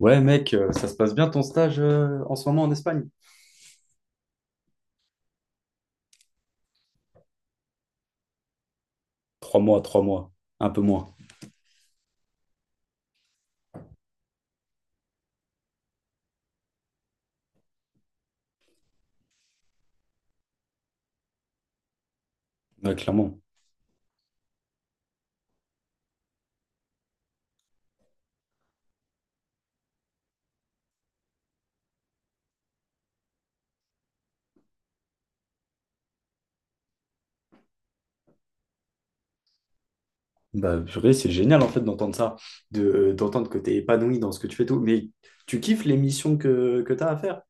Ouais, mec, ça se passe bien ton stage en ce moment en Espagne? Trois mois, un peu moins, ouais, clairement. Bah, purée, c'est génial en fait d'entendre ça, de, d'entendre que t'es épanoui dans ce que tu fais tout. Mais tu kiffes les missions que t'as à faire?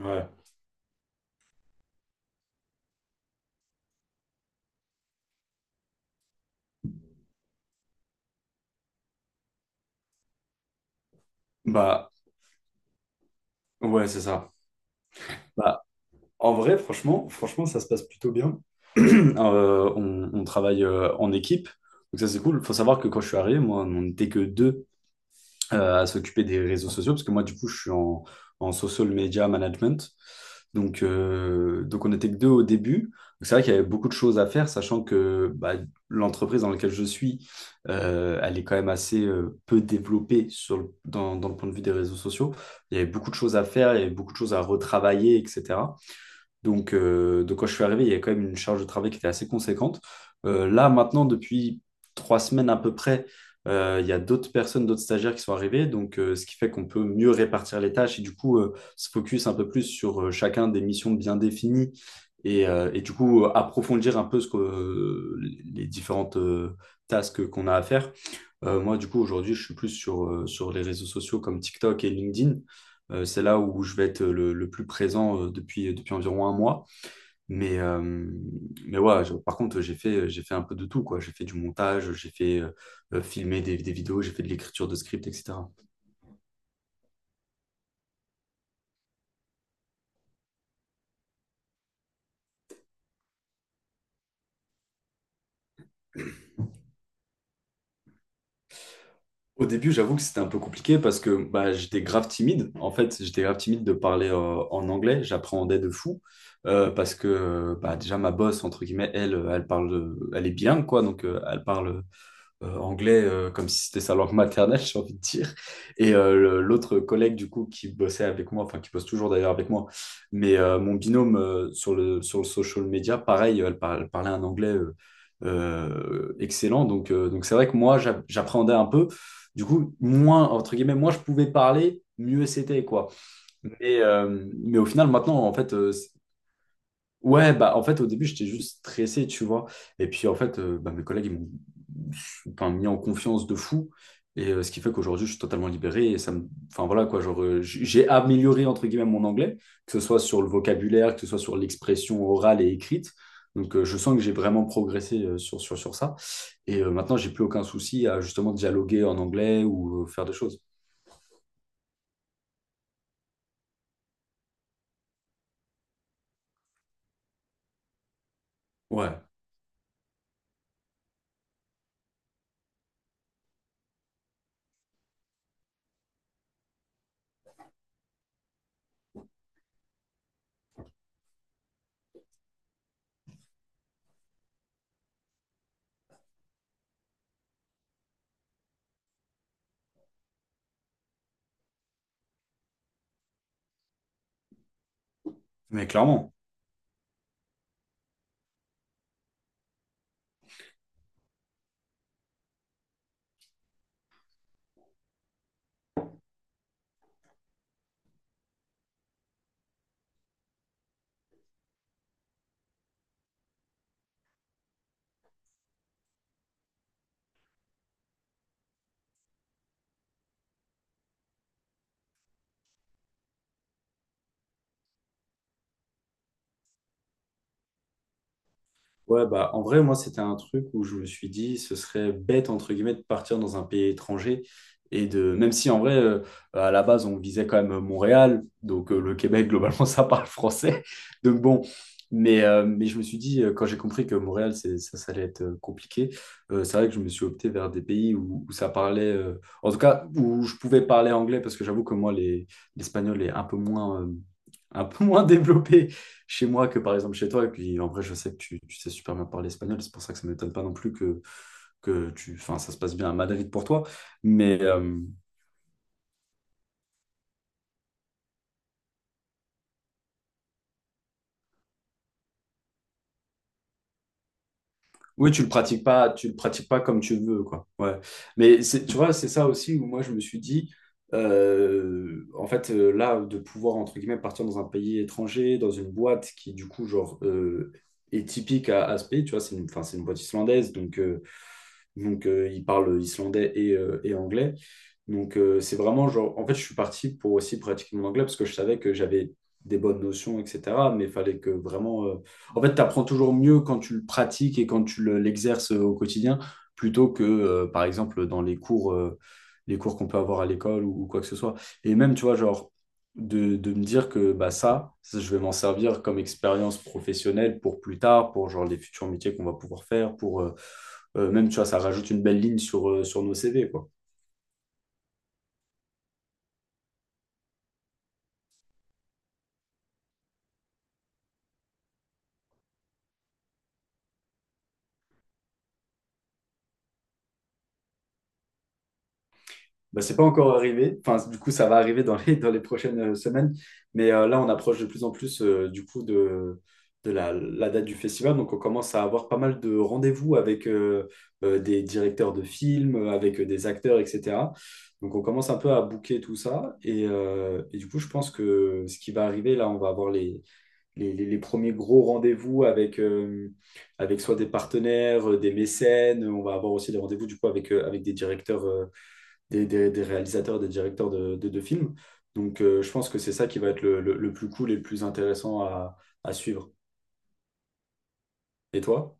Ouais. Bah, ouais, c'est ça. Bah, en vrai, franchement, ça se passe plutôt bien. On travaille en équipe, donc ça c'est cool. Faut savoir que quand je suis arrivé, moi, on n'était que deux à s'occuper des réseaux sociaux, parce que moi, du coup, en social media management. Donc on n'était que deux au début. Donc, c'est vrai qu'il y avait beaucoup de choses à faire, sachant que bah, l'entreprise dans laquelle je suis, elle est quand même assez peu développée dans le point de vue des réseaux sociaux. Il y avait beaucoup de choses à faire, il y avait beaucoup de choses à retravailler, etc. Donc quand je suis arrivé, il y a quand même une charge de travail qui était assez conséquente. Là, maintenant, depuis 3 semaines à peu près, il y a d'autres personnes, d'autres stagiaires qui sont arrivés, donc ce qui fait qu'on peut mieux répartir les tâches et du coup se focus un peu plus sur chacun des missions bien définies et du coup approfondir un peu ce les différentes tasks qu'on a à faire. Moi, du coup, aujourd'hui, je suis plus sur, sur les réseaux sociaux comme TikTok et LinkedIn. C'est là où je vais être le plus présent depuis, depuis environ 1 mois. Mais, euh, mais ouais, par contre, j'ai fait un peu de tout, quoi. J'ai fait du montage, j'ai fait filmer des vidéos, j'ai fait de l'écriture de script, etc. Au début, j'avoue que c'était un peu compliqué parce que bah, j'étais grave timide. En fait, j'étais grave timide de parler en anglais. J'appréhendais de fou parce que bah, déjà, ma boss, entre guillemets, elle, elle parle, elle est bilingue, quoi. Donc, elle parle anglais comme si c'était sa langue maternelle, j'ai envie de dire. Et l'autre collègue, du coup, qui bossait avec moi, enfin, qui bosse toujours d'ailleurs avec moi, mais mon binôme sur sur le social media, pareil, elle, elle parlait un anglais excellent. Donc c'est vrai que moi, j'appréhendais un peu. Du coup, moins, entre guillemets, moi, je pouvais parler, mieux c'était, quoi. Mais au final, maintenant, en fait, euh… Ouais, bah en fait au début j'étais juste stressé, tu vois. Et puis en fait, bah, mes collègues ils m'ont enfin, mis en confiance de fou. Et ce qui fait qu'aujourd'hui je suis totalement libéré. Et ça me… Enfin voilà quoi, genre j'ai amélioré entre guillemets mon anglais, que ce soit sur le vocabulaire, que ce soit sur l'expression orale et écrite. Donc je sens que j'ai vraiment progressé sur ça. Et maintenant j'ai plus aucun souci à justement dialoguer en anglais ou faire des choses. Ouais, mais clairement. Ouais, bah, en vrai, moi, c'était un truc où je me suis dit, ce serait bête, entre guillemets, de partir dans un pays étranger. Et de, même si, en vrai, à la base, on visait quand même Montréal, donc le Québec, globalement, ça parle français. Donc bon, mais je me suis dit, quand j'ai compris que Montréal, ça allait être compliqué, c'est vrai que je me suis opté vers des pays où ça parlait, en tout cas, où je pouvais parler anglais, parce que j'avoue que moi, l'espagnol est un peu moins… un peu moins développé chez moi que par exemple chez toi. Et puis en vrai, je sais que tu sais super bien parler espagnol, c'est pour ça que ça ne m'étonne pas non plus que tu, enfin, ça se passe bien à Madrid pour toi. Mais oui, tu le pratiques pas, tu le pratiques pas comme tu le veux, quoi. Ouais. Mais tu vois, c'est ça aussi où moi je me suis dit, en fait, là, de pouvoir entre guillemets partir dans un pays étranger, dans une boîte qui du coup genre est typique à ce pays, tu vois, c'est une, enfin, c'est une boîte islandaise, donc, ils parlent islandais et anglais. Donc, c'est vraiment genre… En fait, je suis parti pour aussi pratiquer mon anglais parce que je savais que j'avais des bonnes notions, etc. Mais il fallait que vraiment… En fait, tu apprends toujours mieux quand tu le pratiques et quand l'exerces au quotidien, plutôt que, par exemple, dans les cours qu'on peut avoir à l'école ou quoi que ce soit. Et même, tu vois, genre, de me dire que bah, je vais m'en servir comme expérience professionnelle pour plus tard, pour genre les futurs métiers qu'on va pouvoir faire, même, tu vois, ça rajoute une belle ligne sur nos CV, quoi. Bah, c'est pas encore arrivé. Enfin, du coup, ça va arriver dans les, dans les prochaines semaines. Mais là, on approche de plus en plus, du coup, de, la date du festival. Donc, on commence à avoir pas mal de rendez-vous avec des directeurs de films, avec des acteurs, etc. Donc, on commence un peu à booker tout ça. Et du coup, je pense que ce qui va arriver, là, on va avoir les premiers gros rendez-vous avec, avec soit des partenaires, des mécènes. On va avoir aussi des rendez-vous du coup avec, avec des directeurs, des réalisateurs, des directeurs de films. Donc je pense que c'est ça qui va être le plus cool et le plus intéressant à suivre. Et toi?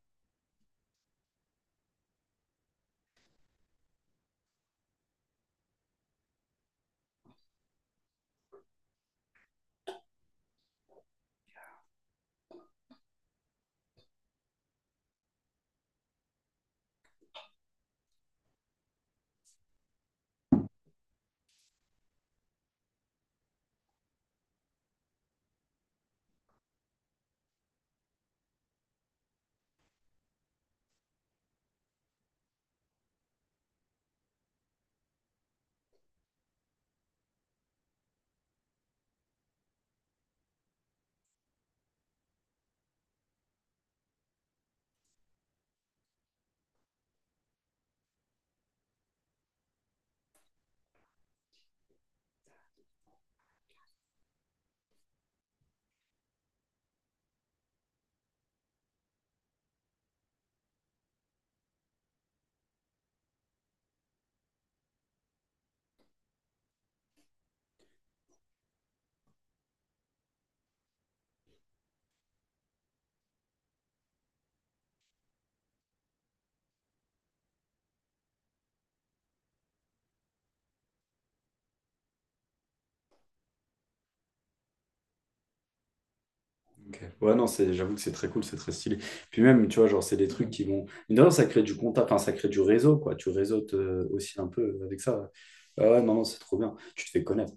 Ok. Ouais, non, c'est, j'avoue que c'est très cool, c'est très stylé. Puis même, tu vois, genre, c'est des trucs qui vont… Mais d'ailleurs, ça crée du contact, enfin, ça crée du réseau, quoi. Tu réseautes aussi un peu avec ça. Ah ouais, non, non, c'est trop bien. Tu te fais connaître.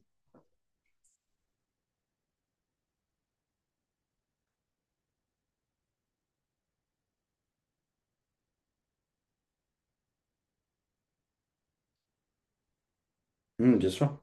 Bien sûr.